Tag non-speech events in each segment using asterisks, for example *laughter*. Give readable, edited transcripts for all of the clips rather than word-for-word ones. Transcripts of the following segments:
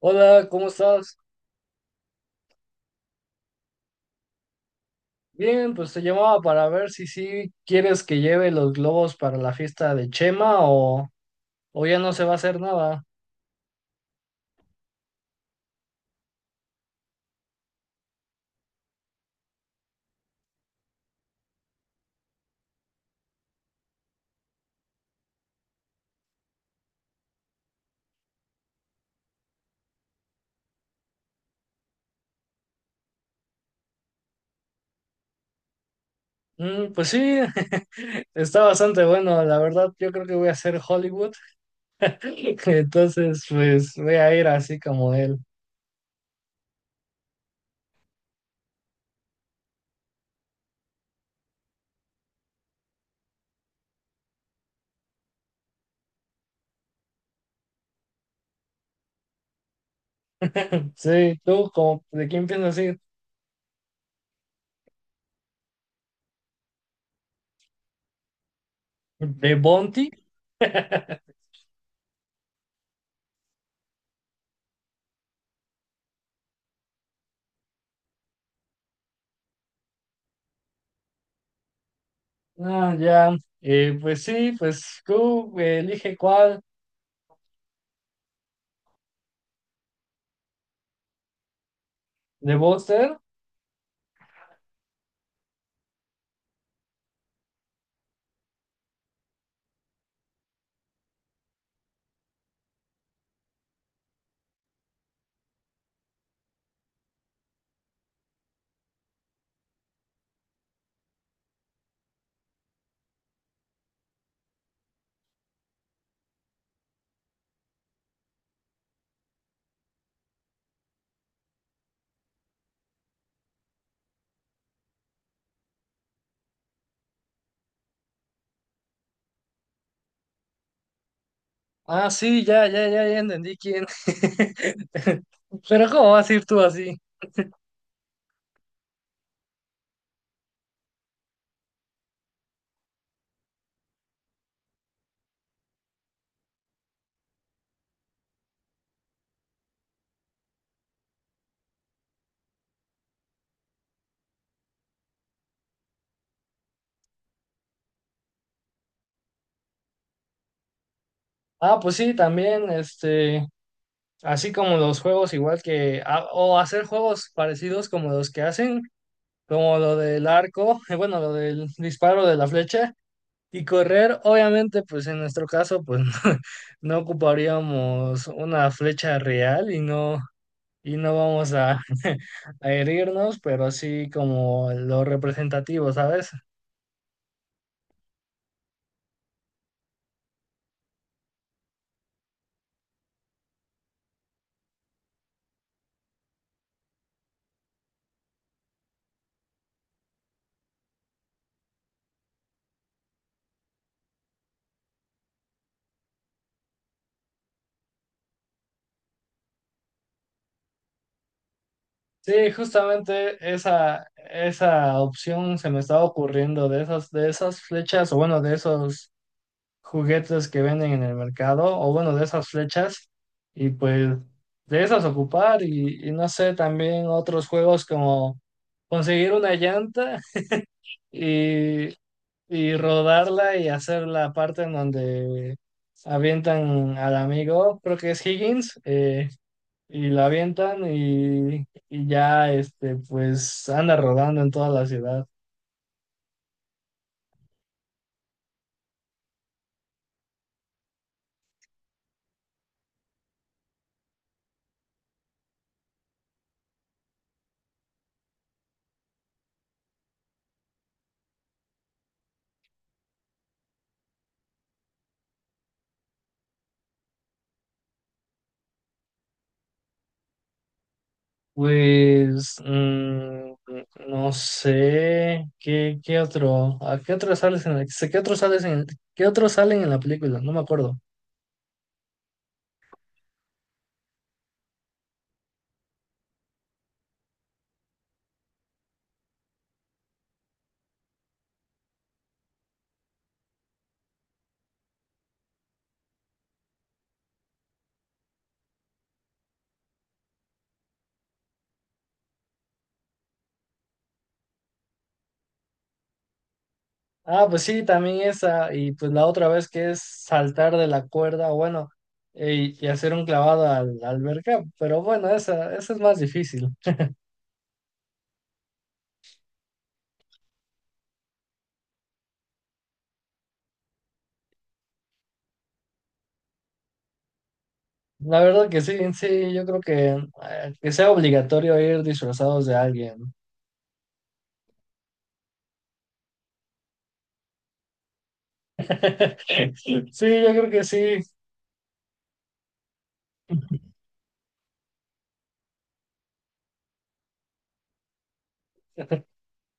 Hola, ¿cómo estás? Bien, pues te llamaba para ver si sí quieres que lleve los globos para la fiesta de Chema o ya no se va a hacer nada. Mm, pues sí, *laughs* está bastante bueno, la verdad yo creo que voy a hacer Hollywood, *laughs* entonces pues voy a ir así como él. *laughs* Sí, ¿tú como, de quién piensas ir? ¿De Bonti? *laughs* Ah, ya. Pues sí, pues tú elige cuál de Buster. Ah, sí, ya, ya, ya, ya entendí quién. *laughs* Pero ¿cómo vas a ir tú así? Ah, pues sí, también, este, así como los juegos igual que, ah, o hacer juegos parecidos como los que hacen, como lo del arco, *laughs* bueno, lo del disparo de la flecha y correr, obviamente, pues en nuestro caso, pues *laughs* no, ocuparíamos una flecha real y no vamos a *laughs* a herirnos, pero sí como lo representativo, ¿sabes? Sí, justamente esa opción se me estaba ocurriendo de esas flechas, o bueno, de esos juguetes que venden en el mercado, o bueno, de esas flechas, y pues de esas ocupar, y no sé, también otros juegos como conseguir una llanta y, y rodarla y hacer la parte en donde avientan al amigo, creo que es Higgins, y la avientan y ya, este, pues anda rodando en toda la ciudad. Pues, mm, no sé, ¿qué otro? ¿A qué otro sales en qué otro sales qué otros salen en la película? No me acuerdo. Ah, pues sí, también esa, y pues la otra vez que es saltar de la cuerda, bueno, y hacer un clavado la alberca, pero bueno, esa es más difícil. La verdad que sí, sí, yo creo que sea obligatorio ir disfrazados de alguien. *laughs* Sí, yo creo que sí.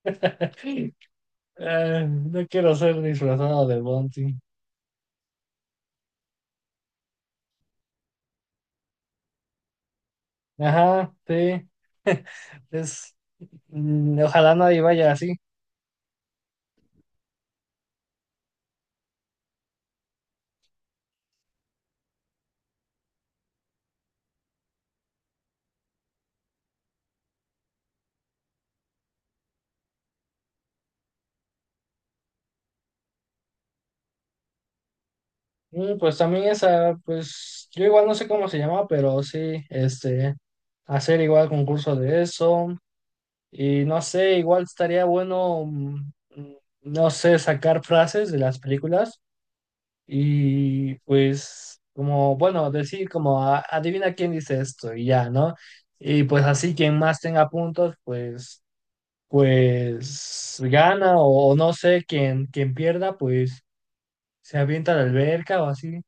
*laughs* No quiero ser disfrazado de Bounty. Ajá, sí. *laughs* Es, mm, ojalá nadie vaya así. Mm, pues también esa, pues yo igual no sé cómo se llama, pero sí, este, hacer igual concurso de eso. Y no sé, igual estaría bueno, mm, mm, no sé, sacar frases de las películas. Y pues, como, bueno, decir como, "A- adivina quién dice esto y ya, ¿no? Y pues así quien más tenga puntos, pues, pues gana o no sé, quien pierda, pues se avienta a la alberca o así.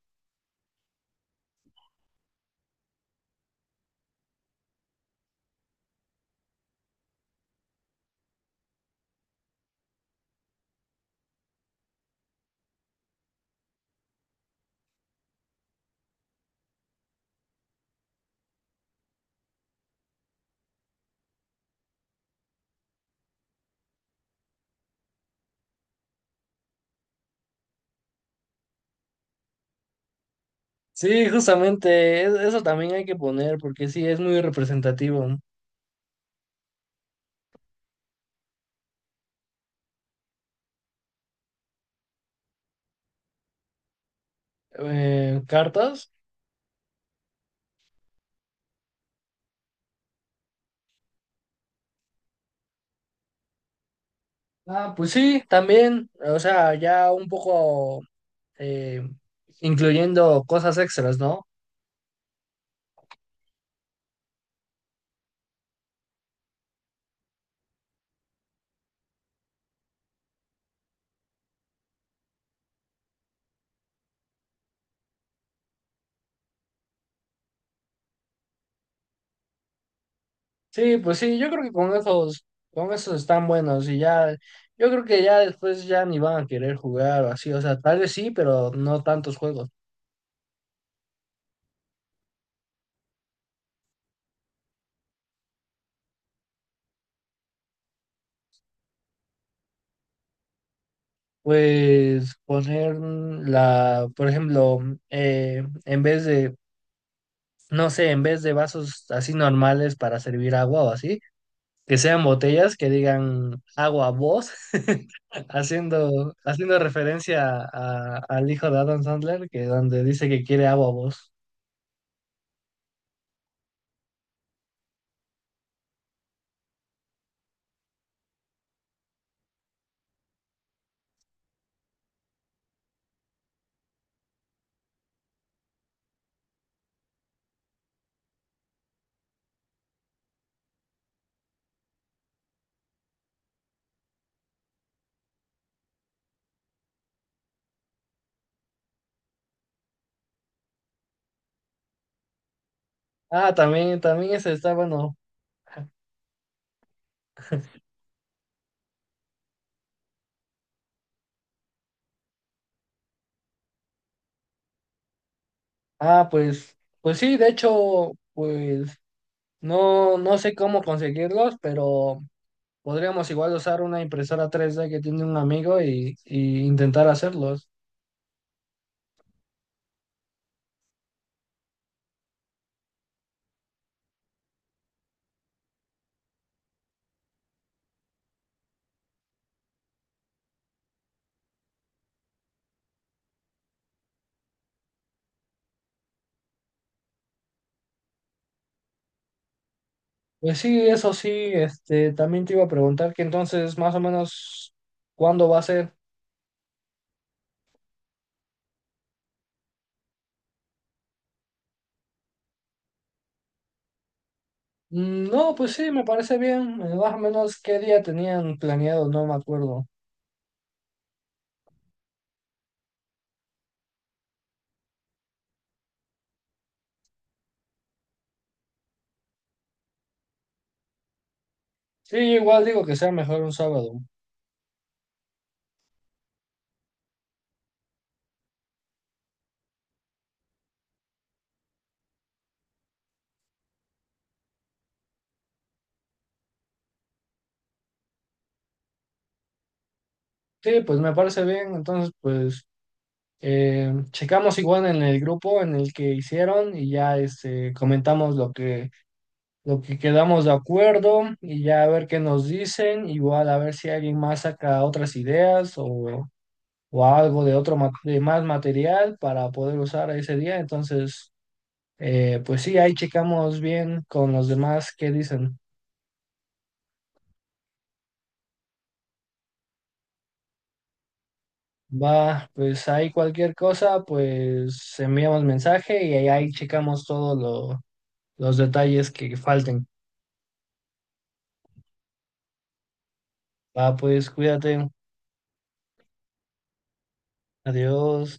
Sí, justamente, eso también hay que poner porque sí, es muy representativo. ¿Cartas? Ah, pues sí, también, o sea, ya un poco eh, incluyendo cosas extras, ¿no? Sí, pues sí, yo creo que con esos están buenos y ya, yo creo que ya después ya ni van a querer jugar o así, o sea, tal vez sí, pero no tantos juegos. Pues poner la, por ejemplo, eh, en vez de, no sé, en vez de vasos así normales para servir agua o así, que sean botellas que digan agua voz, *laughs* haciendo, haciendo referencia al hijo de Adam Sandler, que donde dice que quiere agua voz. Ah, también, también ese está bueno. Ah, pues, pues sí, de hecho, pues no, no sé cómo conseguirlos, pero podríamos igual usar una impresora 3D que tiene un amigo y intentar hacerlos. Pues sí, eso sí, este, también te iba a preguntar que entonces más o menos cuándo va a ser. Mm, no, pues sí, me parece bien. Más o menos qué día tenían planeado, no me acuerdo. Sí, igual digo que sea mejor un sábado. Sí, pues me parece bien. Entonces, pues checamos igual en el grupo en el que hicieron y ya este, comentamos lo lo que quedamos de acuerdo y ya a ver qué nos dicen, igual a ver si alguien más saca otras ideas o algo de otro de más material para poder usar ese día. Entonces, pues sí, ahí checamos bien con los demás qué dicen. Va, pues ahí cualquier cosa, pues enviamos mensaje y ahí checamos todos los detalles que falten. Va, pues cuídate. Adiós.